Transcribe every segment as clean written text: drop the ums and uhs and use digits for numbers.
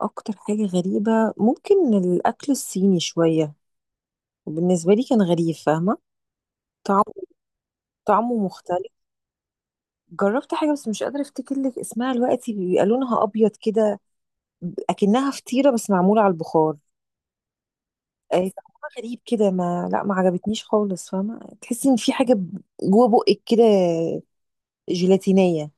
اكتر حاجة غريبة، ممكن الاكل الصيني شوية، وبالنسبة لي كان غريب، فاهمة؟ طعمه طعمه مختلف. جربت حاجة، بس مش قادرة افتكر لك اسمها دلوقتي، بيبقى لونها ابيض كده، اكنها فطيرة بس معمولة على البخار. طعمها غريب كده، ما لا ما عجبتنيش خالص، فاهمة؟ تحسي ان في حاجة جوه بقك كده، جيلاتينية.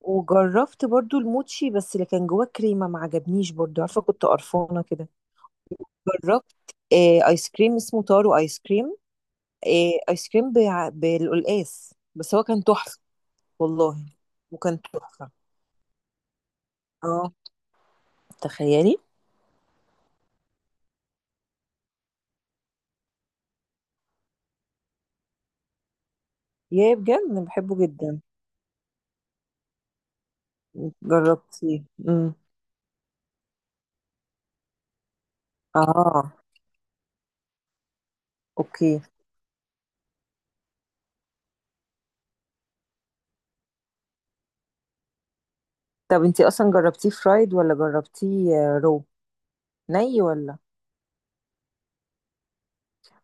وجربت برضو الموتشي، بس اللي كان جواه كريمة ما عجبنيش برضو، عارفة؟ كنت قرفانة كده. جربت ايس كريم، اسمه تارو ايس كريم. إيه ايس كريم بالقلقاس، بس هو كان تحفه. والله، وكان تحفه. اه، تخيلي. يا بجد انا بحبه جدا. جربتيه؟ امم. اه. اوكي. طب انتي اصلا جربتيه فرايد ولا جربتيه رو ني، ولا؟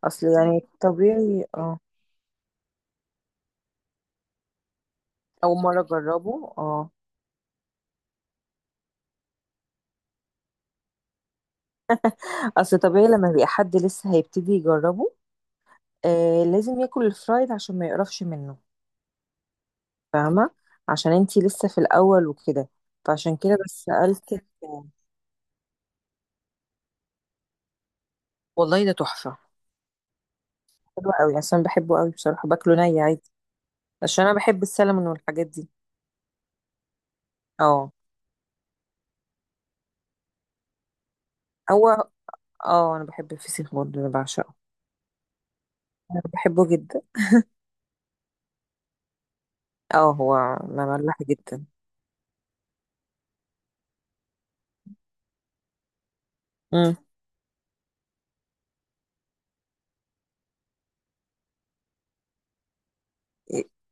اصل يعني طبيعي. اه، اول مره اجربه. اه، اصل طبيعي لما بيبقى حد لسه هيبتدي يجربه. لازم ياكل الفرايد عشان ما يقرفش منه، فاهمة؟ عشان انتي لسه في الأول وكده. فعشان كده بس سألتك. والله ده تحفة. حلو قوي عشان بحبه قوي بصراحة، باكله ني عادي، عشان أنا بحب السلمون والحاجات دي. اه. هو اه أنا بحب الفسيخ برضه، أنا بعشقه. أنا بحبه جدا. اه، هو انا مملح جدا. مم.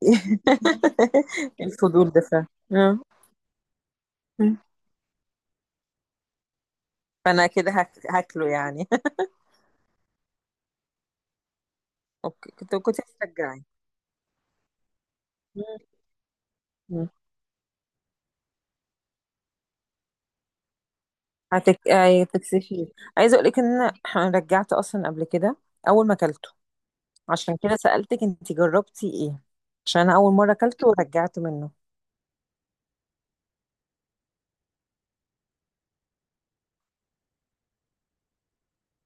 الفضول ده فعلا. مم. مم. فأنا كده هاكله يعني. اوكي. كنت هتشجعي. هتك... هتكسفيه. عايزه اقول لك ان انا رجعت اصلا قبل كده، اول ما اكلته. عشان كده سالتك انت جربتي ايه. عشان انا اول مره اكلته ورجعت منه.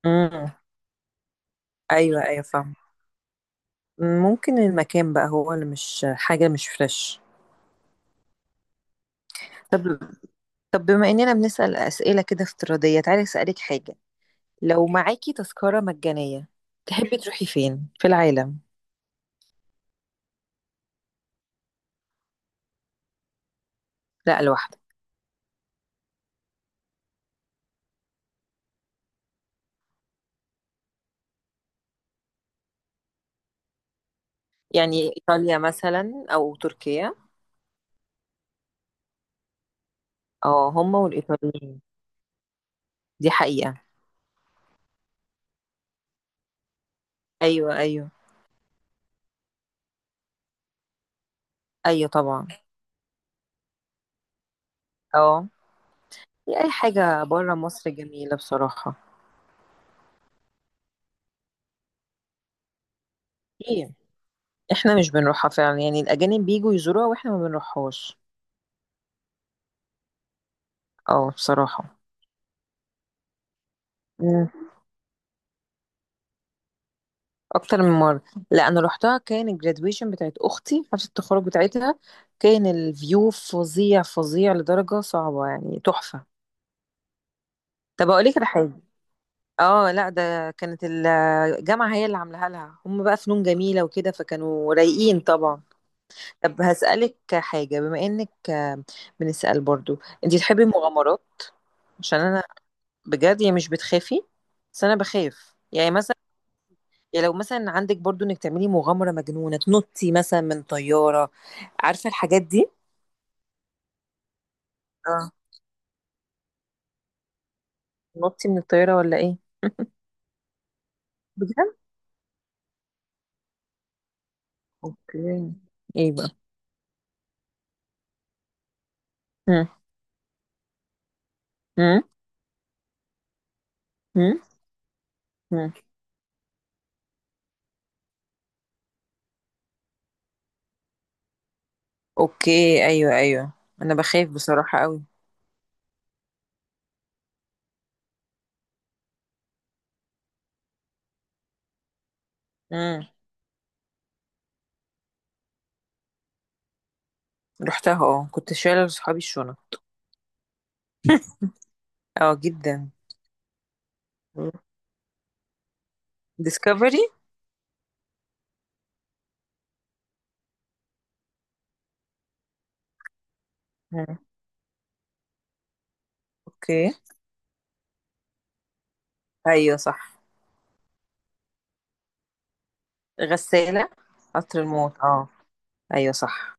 امم. ايوه، ايوه، فاهم. ممكن المكان بقى هو اللي مش حاجه مش فريش. طب طب بما اننا بنسال اسئله كده افتراضيه، تعالي اسالك حاجه. لو معاكي تذكره مجانيه، تحبي تروحي فين في العالم؟ لا، لوحدك. يعني ايطاليا مثلا او تركيا. اه، هما والايطاليين، دي حقيقه. أيوه، أيوه، أيوه طبعًا. آه، هي أي حاجة برّه مصر جميلة بصراحة. كتير. إحنا مش بنروحها فعلًا، يعني الأجانب بييجوا يزوروها وإحنا ما بنروحهاش. آه بصراحة. إمم. أكتر من مرّة. لأ أنا رُحتها كان الgraduation بتاعة أختي، حفلة التخرُّج بتاعتها. كان الview فظيع، فظيع لدرجة صعبة يعني تحفة. طَب أقول لِك على حاجة. لأ ده كانت الجامعة هي اللي عاملاها لها، هُم بقى فنون جميلة وكده، فكانوا رايقين طبعًا. طَب هاسألِك حاجة، بما إنِّك بنسأل برضو، انتي تحبي المغامرات؟ عشان انا، بجد يعني مش بتخافي؟ بس انا بخاف يعني مثلا. يعني لو مثلا عندك برضو انك تعملي مغامرة مجنونة، تنطي مثلا من طيارة، عارفة الحاجات دي؟ اه، تنطي من الطيارة ولا ايه؟ بجد. اوكي. ايه بقى؟ مم. مم. مم. مم. اوكي. ايوه، ايوه، انا بخاف بصراحة قوي. مم. رحتها اه كنت شايلة لصحابي الشنط. اه جدا. ديسكفري. اوكي. ايوه صح. غسالة. قطر الموت. اه، ايوه صح.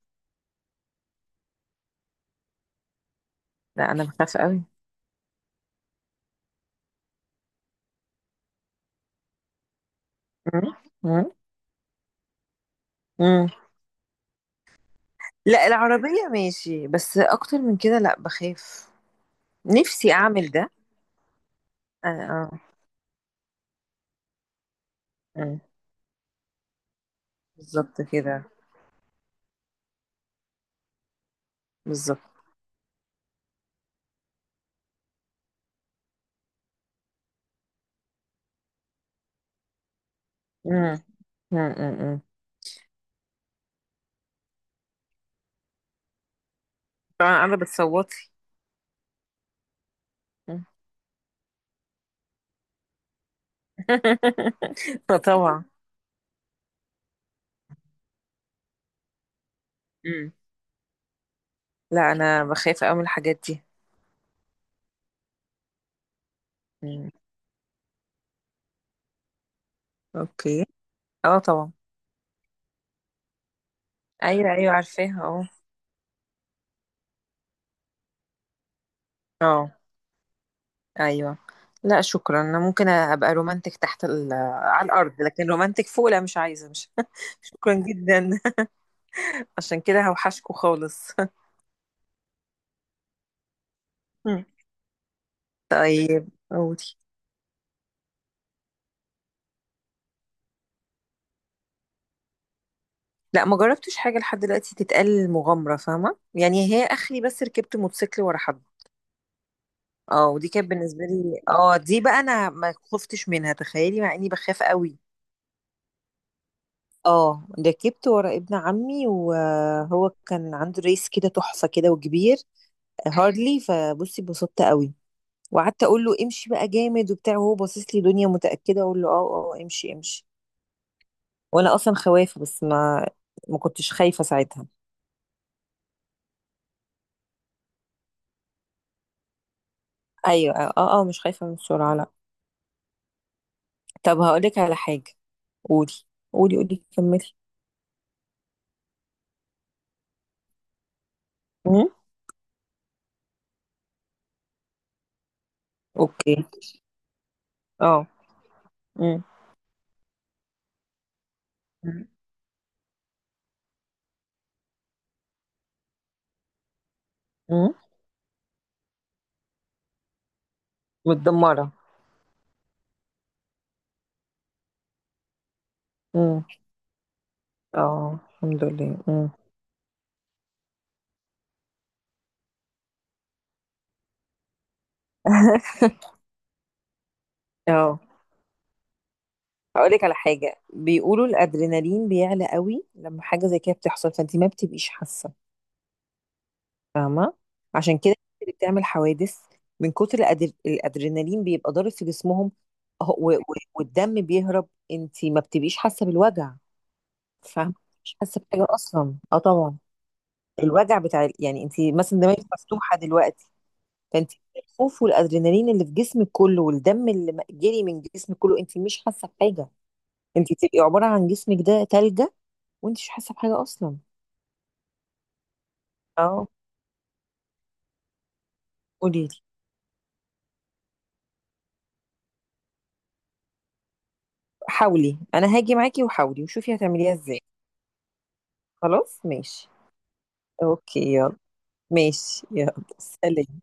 لا انا بخاف قوي. مم. مم. مم. لا، العربية ماشي، بس اكتر من كده لا بخاف. نفسي اعمل ده. اه. آه. مم. بالظبط كده. بالظبط. مم. مم. مم. مم. طبعا انا بتصوتي. مم. فطبعا. مم. لا انا بخاف قوي من الحاجات دي. مم. اوكي. اه طبعا. ايوه، ايوه، عارفاها. اه. اه. ايوه. لا شكرا، انا ممكن ابقى رومانتك تحت على الارض، لكن رومانتك فوق لا، مش عايزه، مش. شكرا جدا. عشان كده هوحشكوا خالص. طيب قولي. لا ما جربتش حاجه لحد دلوقتي تتقال مغامره، فاهمه؟ يعني هي اخري، بس ركبت موتوسيكل ورا حد. اه، ودي كانت بالنسبه لي، دي بقى انا ما خفتش منها، تخيلي، مع اني بخاف قوي. اه، ركبت ورا ابن عمي وهو كان عنده ريس كده تحفه كده وكبير، هارلي. فبصي اتبسطت قوي، وقعدت اقول له امشي بقى جامد وبتاع، وهو باصص لي دنيا متاكده؟ اقول له اه. اه، امشي امشي. وانا اصلا خوافه، بس ما كنتش خايفه ساعتها. ايوه. اه. اه. مش خايفه من السرعه لا. طب هقولك على حاجه. قولي. قولي قولي كملي. امم. اوكي. اه. امم. امم. متدمره. امم. اه الحمد لله. امم. اه، هقولك على حاجه. بيقولوا الادرينالين بيعلى قوي لما حاجه زي كده بتحصل، فانت ما بتبقيش حاسه، فاهمة؟ عشان كده الناس اللي بتعمل حوادث، من كتر الأدرينالين بيبقى ضارب في جسمهم. أهو- و... و... والدم بيهرب، انت ما بتبقيش حاسة بالوجع، فاهمة؟ مش حاسة بحاجة أصلا. اه طبعا. الوجع بتاع يعني انت مثلا دماغك مفتوحة دلوقتي. فانت، الخوف والأدرينالين اللي في جسمك كله والدم اللي جري من جسمك كله، انت مش حاسة بحاجة. انت بتبقي عبارة عن جسمك ده تلجة، وانت مش حاسة بحاجة أصلا. اه. قولي لي. حاولي. انا هاجي معاكي وحاولي وشوفي هتعمليها ازاي. خلاص ماشي اوكي يلا. ماشي، يلا سلام.